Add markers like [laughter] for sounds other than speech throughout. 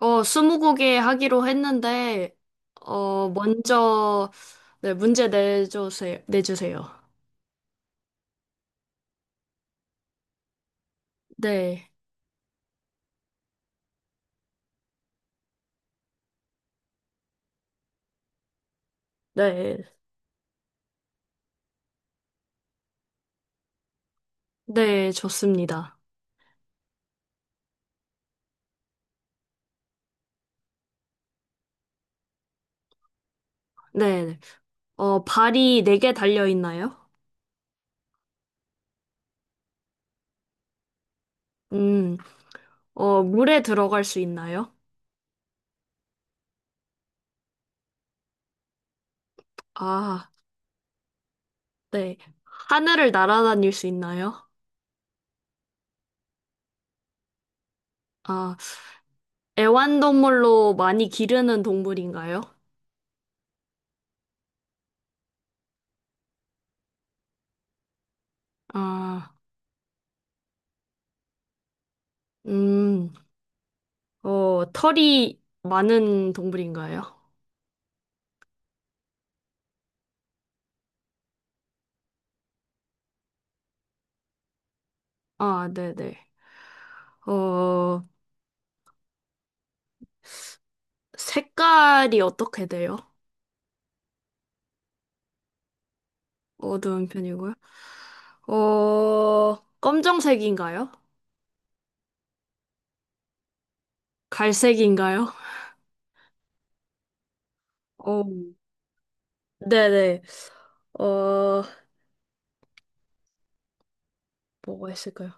스무고개 하기로 했는데, 먼저, 네, 문제 내주세요. 내주세요. 네, 네, 네, 좋습니다. 네, 네. 발이 네 개 달려 있나요? 음, 물에 들어갈 수 있나요? 아, 네. 하늘을 날아다닐 수 있나요? 아, 애완동물로 많이 기르는 동물인가요? 아, 음, 털이 많은 동물인가요? 아, 네네. 어, 색깔이 어떻게 돼요? 어두운 편이고요. 어, 검정색인가요? 갈색인가요? 어, 네네. 어, 뭐가 있을까요?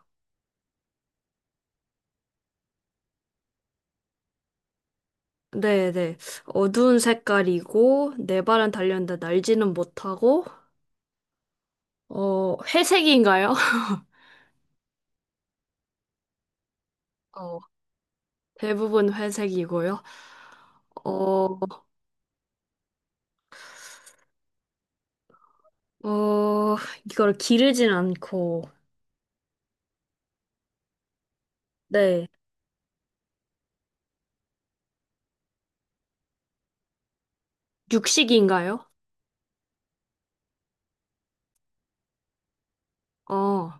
네네. 어두운 색깔이고, 네 발은 달렸는데 날지는 못하고, 회색인가요? [laughs] 어, 대부분 회색이고요. 어, 어, 이걸 기르진 않고, 네. 육식인가요? 어.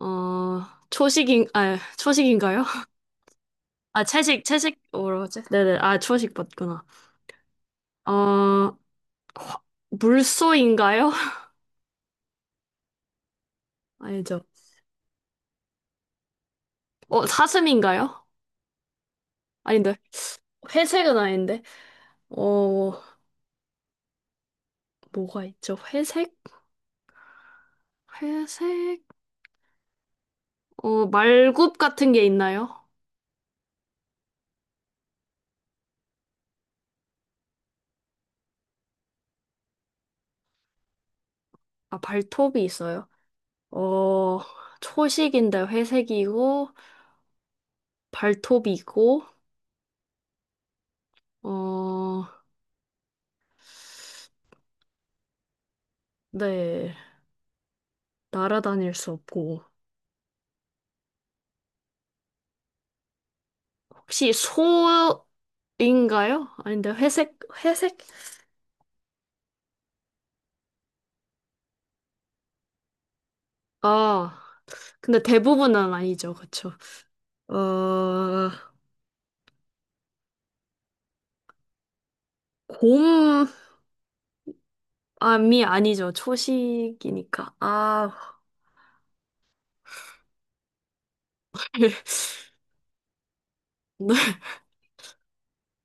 어, 아, 초식인가요? [laughs] 아, 채식, 채식, 뭐라고 하지? 네네, 아, 초식 맞구나. 어, 화- 물소인가요? [laughs] 아니죠. 사슴인가요? 아닌데. 회색은 아닌데. 어, 뭐가 있죠? 회색? 회색? 말굽 같은 게 있나요? 아, 발톱이 있어요. 어, 초식인데 회색이고, 발톱이고, 어, 네. 날아다닐 수 없고. 혹시 소인가요? 아닌데 회색 회색? 아, 근데 대부분은 아니죠, 그쵸? 어 곰암이 아니죠, 초식이니까. 아. [laughs] 네.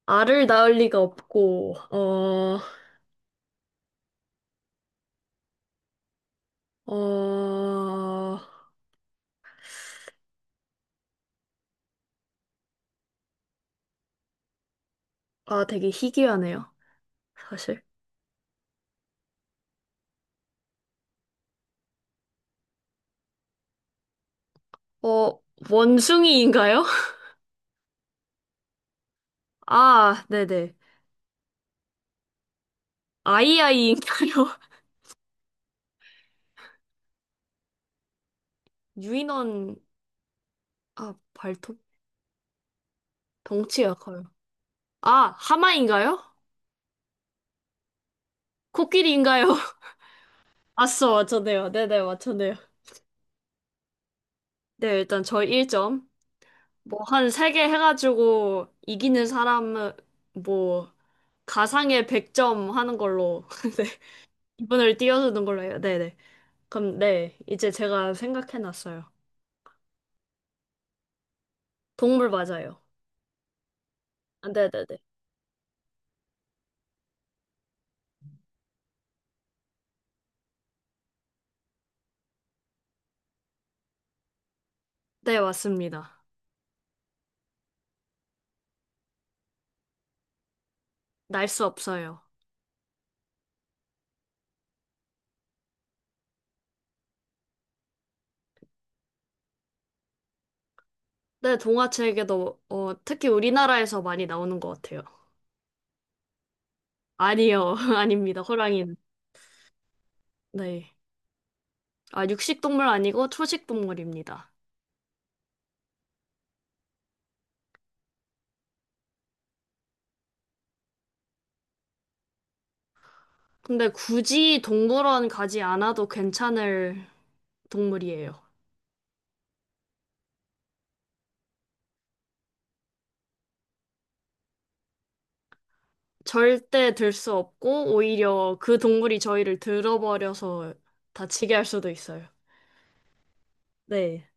알을 낳을 리가 없고, 어어아 되게 희귀하네요, 사실. 어 원숭이인가요? [laughs] 아, 네네. 아이아이인가요? [laughs] 유인원. 아, 발톱. 덩치가 커요. 아, 하마인가요? 코끼리인가요? [laughs] 아싸, 맞췄네요. 네네, 맞췄네요. 네, 일단 저 1점. 뭐, 한 3개 해가지고 이기는 사람은, 뭐, 가상의 100점 하는 걸로. [laughs] 네. 이분을 띄워주는 걸로 해요. 네네. 그럼, 네. 이제 제가 생각해놨어요. 동물 맞아요. 아, 네네네. 네, 맞습니다. 날 수 없어요. 네, 동화책에도, 특히 우리나라에서 많이 나오는 것 같아요. 아니요, [laughs] 아닙니다. 호랑이는. 네. 아, 육식동물 아니고 초식동물입니다. 근데 굳이 동물원 가지 않아도 괜찮을 동물이에요. 절대 들 수 없고, 오히려 그 동물이 저희를 들어버려서 다치게 할 수도 있어요. 네.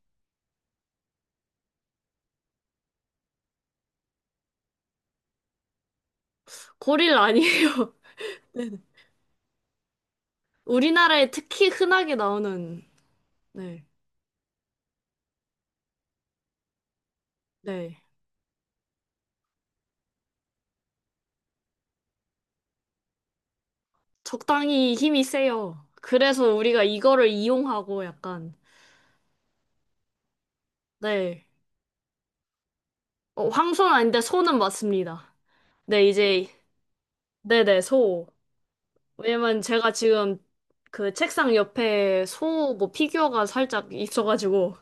고릴 아니에요. [laughs] 네네. 우리나라에 특히 흔하게 나오는, 네. 네. 적당히 힘이 세요. 그래서 우리가 이거를 이용하고 약간, 네. 황소는 아닌데 소는 맞습니다. 네, 이제, 네네, 소. 왜냐면 제가 지금 그 책상 옆에 소 뭐 피규어가 살짝 있어가지고.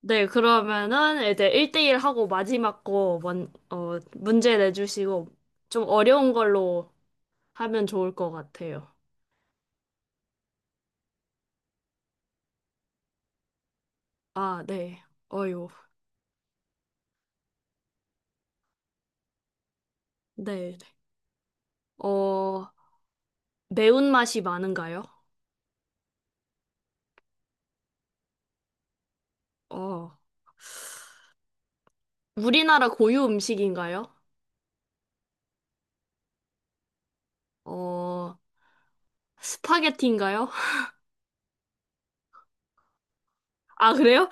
네, 그러면은 이제 1대1 하고 마지막 거 원, 문제 내주시고 좀 어려운 걸로 하면 좋을 것 같아요. 아, 네. 어유. 네. 네. 어, 매운맛이 많은가요? 어, 우리나라 고유 음식인가요? 어, 스파게티인가요? 아, 그래요?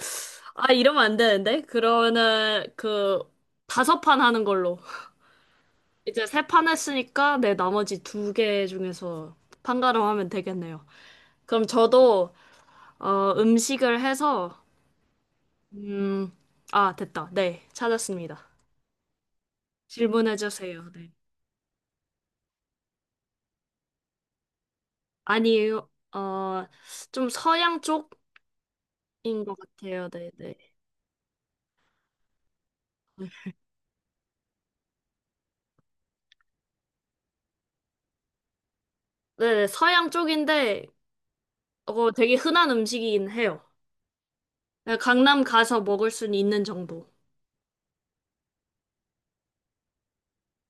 아, 이러면 안 되는데? 그러면은 그 다섯 판 하는 걸로. 이제 세 판 했으니까 내 나머지 두 개 중에서 판가름하면 되겠네요. 그럼 저도 음식을 해서, 음, 아, 됐다. 네, 찾았습니다. 질문해 주세요. 네. 아니에요. 어, 좀 서양 쪽인 것 같아요. 네, 네. 네, 네, 서양 쪽인데 되게 흔한 음식이긴 해요. 네, 강남 가서 먹을 수는 있는 정도.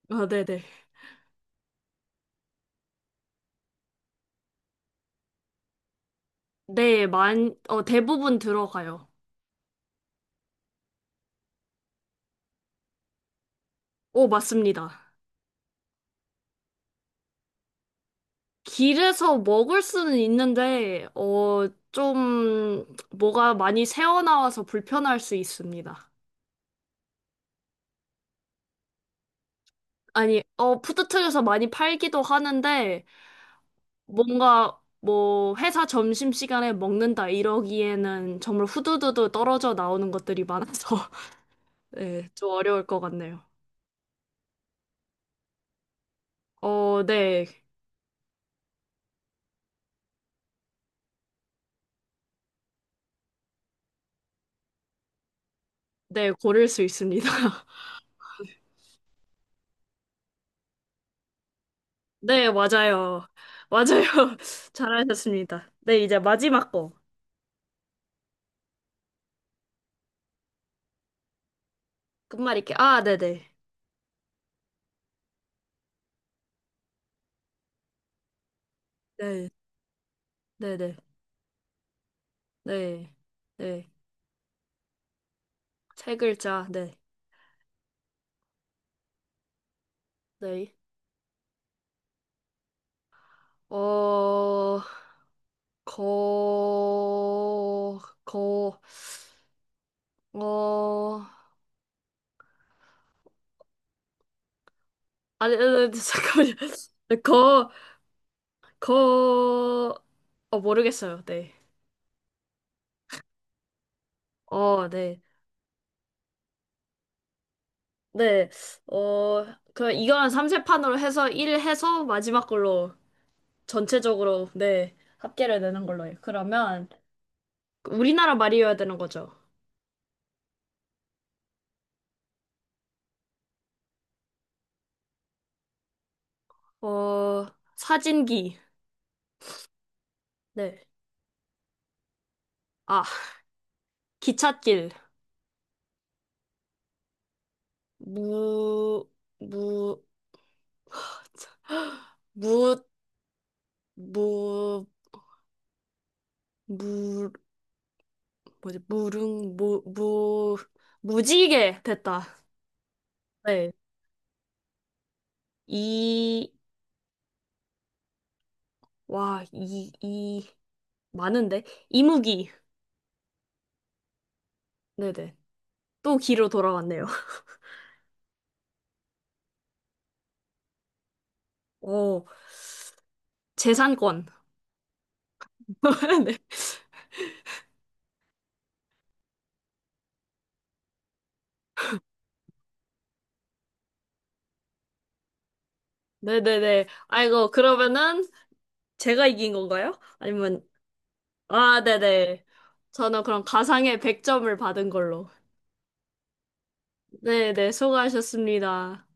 아, 네네. 네, 대부분 들어가요. 오, 맞습니다. 길에서 먹을 수는 있는데, 좀, 뭐가 많이 새어나와서 불편할 수 있습니다. 아니, 푸드트에서 많이 팔기도 하는데, 뭔가, 뭐, 회사 점심시간에 먹는다 이러기에는 정말 후두두두 떨어져 나오는 것들이 많아서, [laughs] 네, 좀 어려울 것 같네요. 네, 네, 고를 수 있습니다. 네, 맞아요. 맞아요. [laughs] 잘하셨습니다. 네, 이제 마지막 거. 끝말잇기. 아, 네네. 네, 네네. 네, 네. 세 글자, 네. 네. 어, 거, 거, 어, 아니, 아니, 아니, 잠깐만요. [laughs] 거, 거, 모르겠어요. 네. 네. 네. 어, 그, 이거는 삼세판으로 해서 1 해서 마지막 걸로. 전체적으로, 네, 합계를 내는 걸로 해요. 그러면, 우리나라 말이어야 되는 거죠. 어, 사진기. 네. 아, 기찻길. 무, 무, [gasps] 무, 무, 무, 뭐지, 무릉, 무, 무, 무지개. 됐다. 네. 이, 와, 이, 이, 많은데? 이무기. 네네. 또 기로 돌아왔네요. [laughs] 오, 재산권. [laughs] 네. 네네네. 아이고, 그러면은 제가 이긴 건가요? 아니면, 아, 네네. 저는 그럼 가상의 100점을 받은 걸로. 네네, 수고하셨습니다.